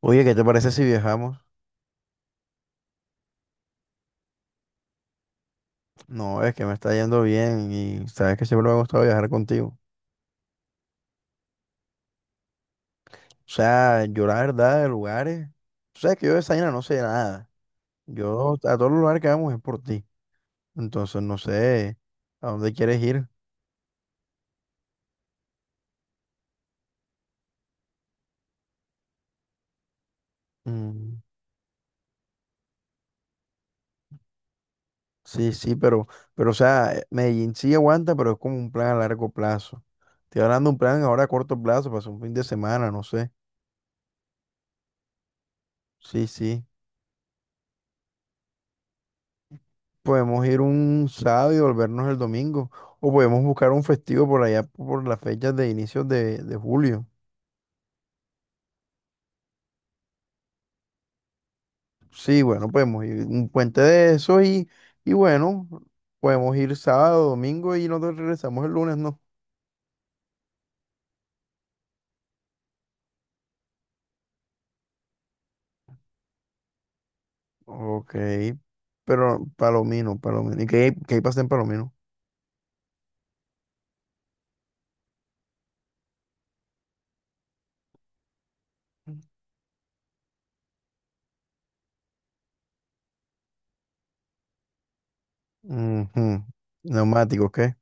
Oye, ¿qué te parece si viajamos? No, es que me está yendo bien y sabes que siempre me ha gustado viajar contigo. O sea, yo la verdad de lugares, o sea, que yo de esa vaina no sé nada. Yo a todos los lugares que vamos es por ti. Entonces no sé a dónde quieres ir. Mm, sí, sí, pero o sea, Medellín sí aguanta, pero es como un plan a largo plazo. Estoy hablando de un plan ahora a corto plazo, para hacer un fin de semana, no sé. Sí, sí. Podemos ir un sábado y volvernos el domingo. O podemos buscar un festivo por allá por las fechas de inicios de julio. Sí, bueno, podemos ir un puente de eso y bueno, podemos ir sábado, domingo y nosotros regresamos el lunes, ¿no? Ok, pero Palomino, Palomino. ¿Y qué, qué hay para hacer en Palomino? Ujú. Neumáticos, ¿qué?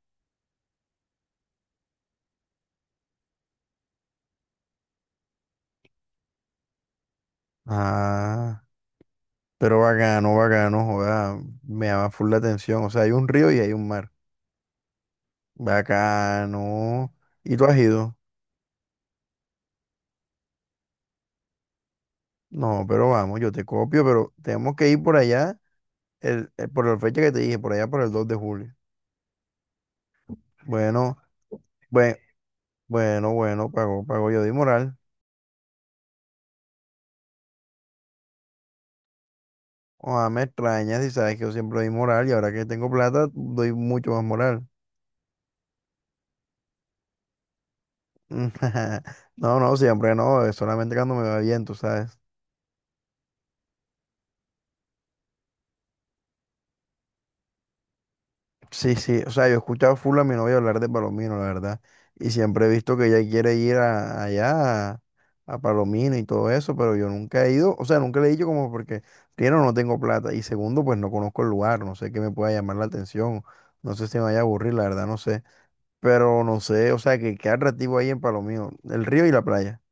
Ah, pero bacano, bacano, joda, me llama full la atención. O sea, hay un río y hay un mar. Bacano. ¿Y tú has ido? No, pero vamos, yo te copio, pero tenemos que ir por allá, por la fecha que te dije, por allá por el 2 de julio. Bueno, bueno, bueno, bueno, pago, pago, yo di moral. Ojalá me extrañas y sabes que yo siempre doy moral y ahora que tengo plata doy mucho más moral. No, no, siempre no, es solamente cuando me va bien, tú sabes. Sí, sí, o sea, yo he escuchado full a mi novia hablar de Palomino, la verdad, y siempre he visto que ella quiere allá, a Palomino y todo eso, pero yo nunca he ido, o sea, nunca le he dicho como porque, primero, no tengo plata, y segundo, pues no conozco el lugar, no sé qué me pueda llamar la atención, no sé si me vaya a aburrir, la verdad, no sé, pero no sé, o sea, que qué atractivo hay en Palomino, el río y la playa.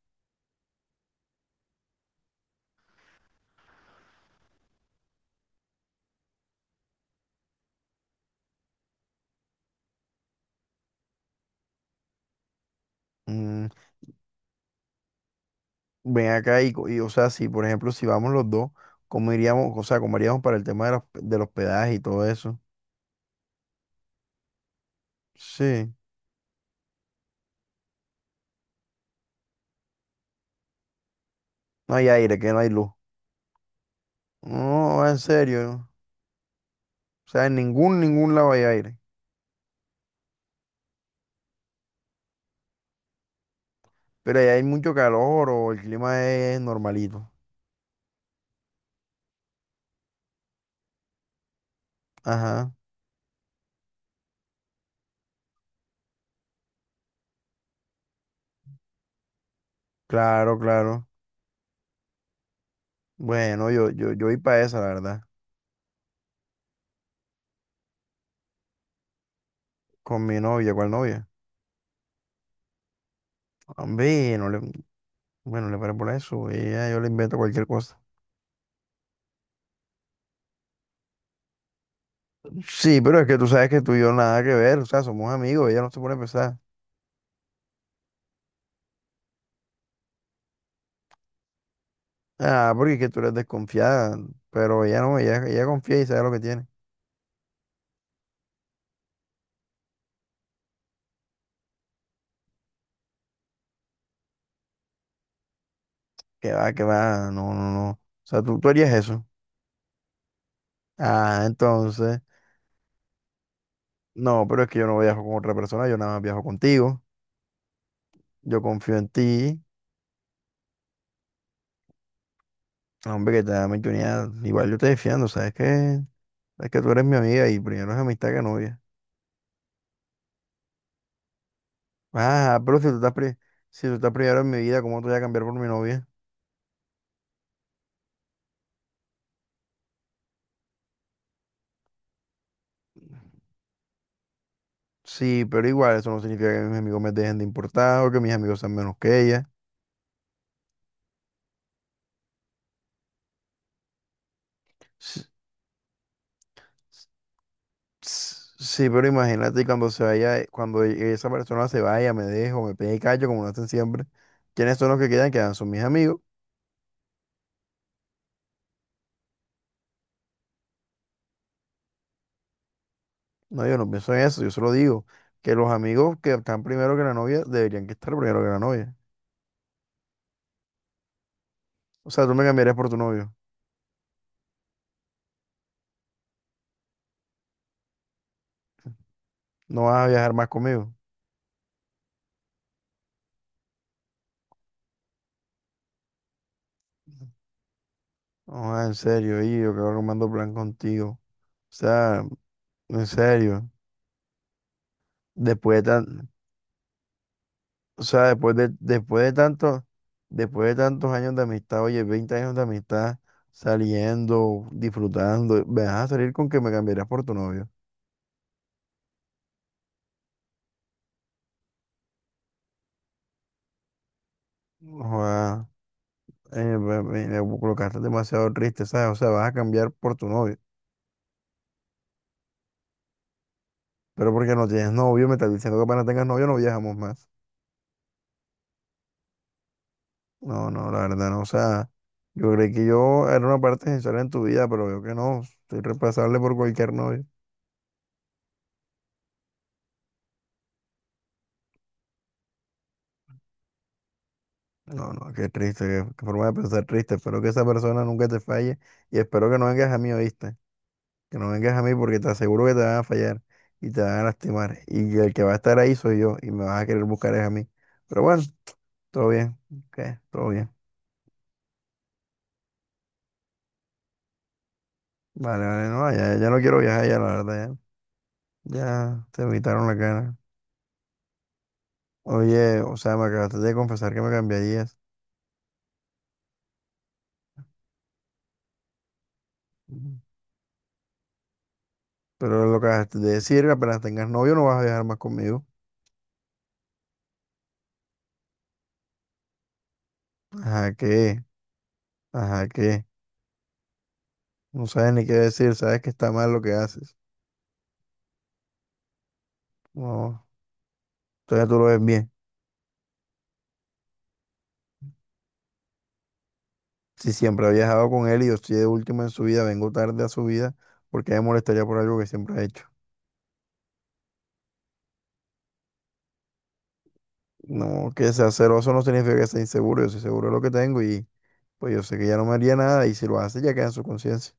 Mm, ven acá, o sea, si, por ejemplo, si vamos los dos, ¿cómo iríamos, o sea, cómo haríamos para el tema del hospedaje y todo eso? Sí. No hay aire, que no hay luz. No, en serio. ¿No? O sea, en ningún, ningún lado hay aire. Pero allá hay mucho calor o el clima es normalito. Ajá, claro, claro. Bueno, yo voy para esa, la verdad. Con mi novia, ¿cuál novia? Hombre, no le, bueno, le paré por eso. Ella, yo le invento cualquier cosa. Sí, pero es que tú sabes que tú y yo nada que ver. O sea, somos amigos, ella no se pone pesada. Ah, porque es que tú eres desconfiada. Pero ella no, ella confía y sabe lo que tiene. Que va, no, no, no. O sea, tú harías eso. Ah, entonces, no, pero es que yo no viajo con otra persona, yo nada más viajo contigo. Yo confío en ti. Hombre, que te da oportunidad. Igual yo te defiendo, ¿sabes que... Sabes que tú eres mi amiga y primero es amistad que novia. Ah, pero si tú si tú estás primero en mi vida, ¿cómo te voy a cambiar por mi novia? Sí, pero igual eso no significa que mis amigos me dejen de importar o que mis amigos sean menos que ella. S- s- Sí, pero imagínate cuando se vaya, cuando esa persona se vaya, me dejo, me pegue y callo, como lo hacen siempre. ¿Quiénes son los que quedan? Quedan son mis amigos. No, yo no pienso en eso, yo solo digo que los amigos que están primero que la novia deberían que estar primero que la novia. O sea, tú me cambiarías por tu novio. No vas a viajar más conmigo. No, ah, en serio, y yo que armando plan contigo. O sea, en serio. Después de tan, o sea, después de tanto, después de tantos años de amistad, oye, 20 años de amistad, saliendo, disfrutando, me vas a salir con que me cambiarías por tu novio. No, me colocaste demasiado triste, ¿sabes? O sea, vas a cambiar por tu novio. Pero porque no tienes novio, me estás diciendo que apenas tengas novio no viajamos más. No, no, la verdad no. O sea, yo creí que yo era una parte esencial en tu vida, pero veo que no. Soy reemplazable por cualquier novio. No, no, qué triste, qué, qué forma de pensar triste. Espero que esa persona nunca te falle y espero que no vengas a mí, ¿oíste? Que no vengas a mí porque te aseguro que te van a fallar y te van a lastimar. Y el que va a estar ahí soy yo y me vas a querer buscar es a mí. Pero bueno, todo bien. Ok, todo bien. Vale, vale, no, ya, ya no quiero viajar ya, la verdad, ya. Ya te evitaron la cara. Oye, o sea, me acabaste de confesar que me cambiarías. Ujú. Pero lo que acabaste de decir, que apenas tengas novio no vas a viajar más conmigo. Ajá, ¿qué? Ajá, ¿qué? No sabes ni qué decir, sabes que está mal lo que haces. No, entonces tú lo ves bien. Si siempre he viajado con él y yo estoy de último en su vida, vengo tarde a su vida, ¿porque me molestaría por algo que siempre ha hecho? No, que sea celoso no significa que sea inseguro. Yo soy seguro de lo que tengo y pues yo sé que ya no me haría nada y si lo hace ya queda en su conciencia.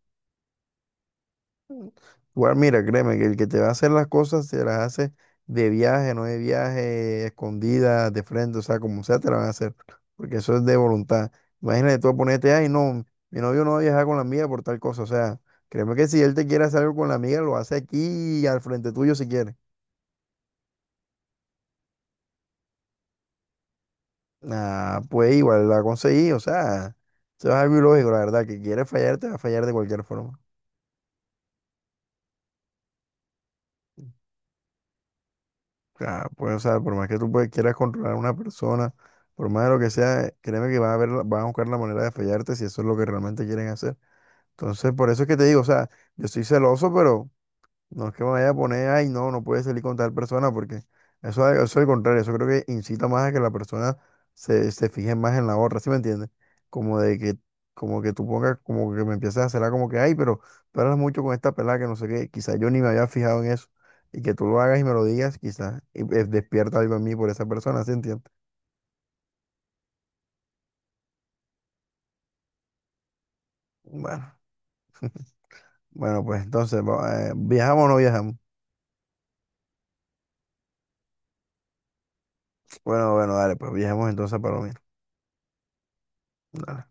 Igual, mira, créeme que el que te va a hacer las cosas se las hace de viaje, no de viaje, escondida, de frente, o sea, como sea, te la van a hacer. Porque eso es de voluntad. Imagínate tú ponerte, ay, no, mi novio no va a viajar con la amiga por tal cosa. O sea, créeme que si él te quiere hacer algo con la amiga, lo hace aquí al frente tuyo si quiere. Ah, pues igual la conseguí, o sea, eso es algo ilógico, la verdad, que quieres fallar, te va a fallar de cualquier forma. Ah, pues, o sea, por más que tú pues, quieras controlar a una persona, por más de lo que sea, créeme que van a ver, van a buscar la manera de fallarte si eso es lo que realmente quieren hacer. Entonces, por eso es que te digo, o sea, yo estoy celoso, pero no es que me vaya a poner, ay, no, no puede salir con tal persona, porque eso es al contrario, eso creo que incita más a que la persona se, se fije más en la otra, ¿sí me entiendes? Como de que, como que tú pongas, como que me empieces a hacerla como que, ay, pero tú hablas mucho con esta pelada que no sé qué, quizás yo ni me había fijado en eso, y que tú lo hagas y me lo digas, quizás despierta algo en mí por esa persona, ¿sí entiendes? Bueno, bueno, pues entonces, ¿viajamos o no viajamos? Bueno, bueno, dale, pues viajamos entonces a Palomino. Dale.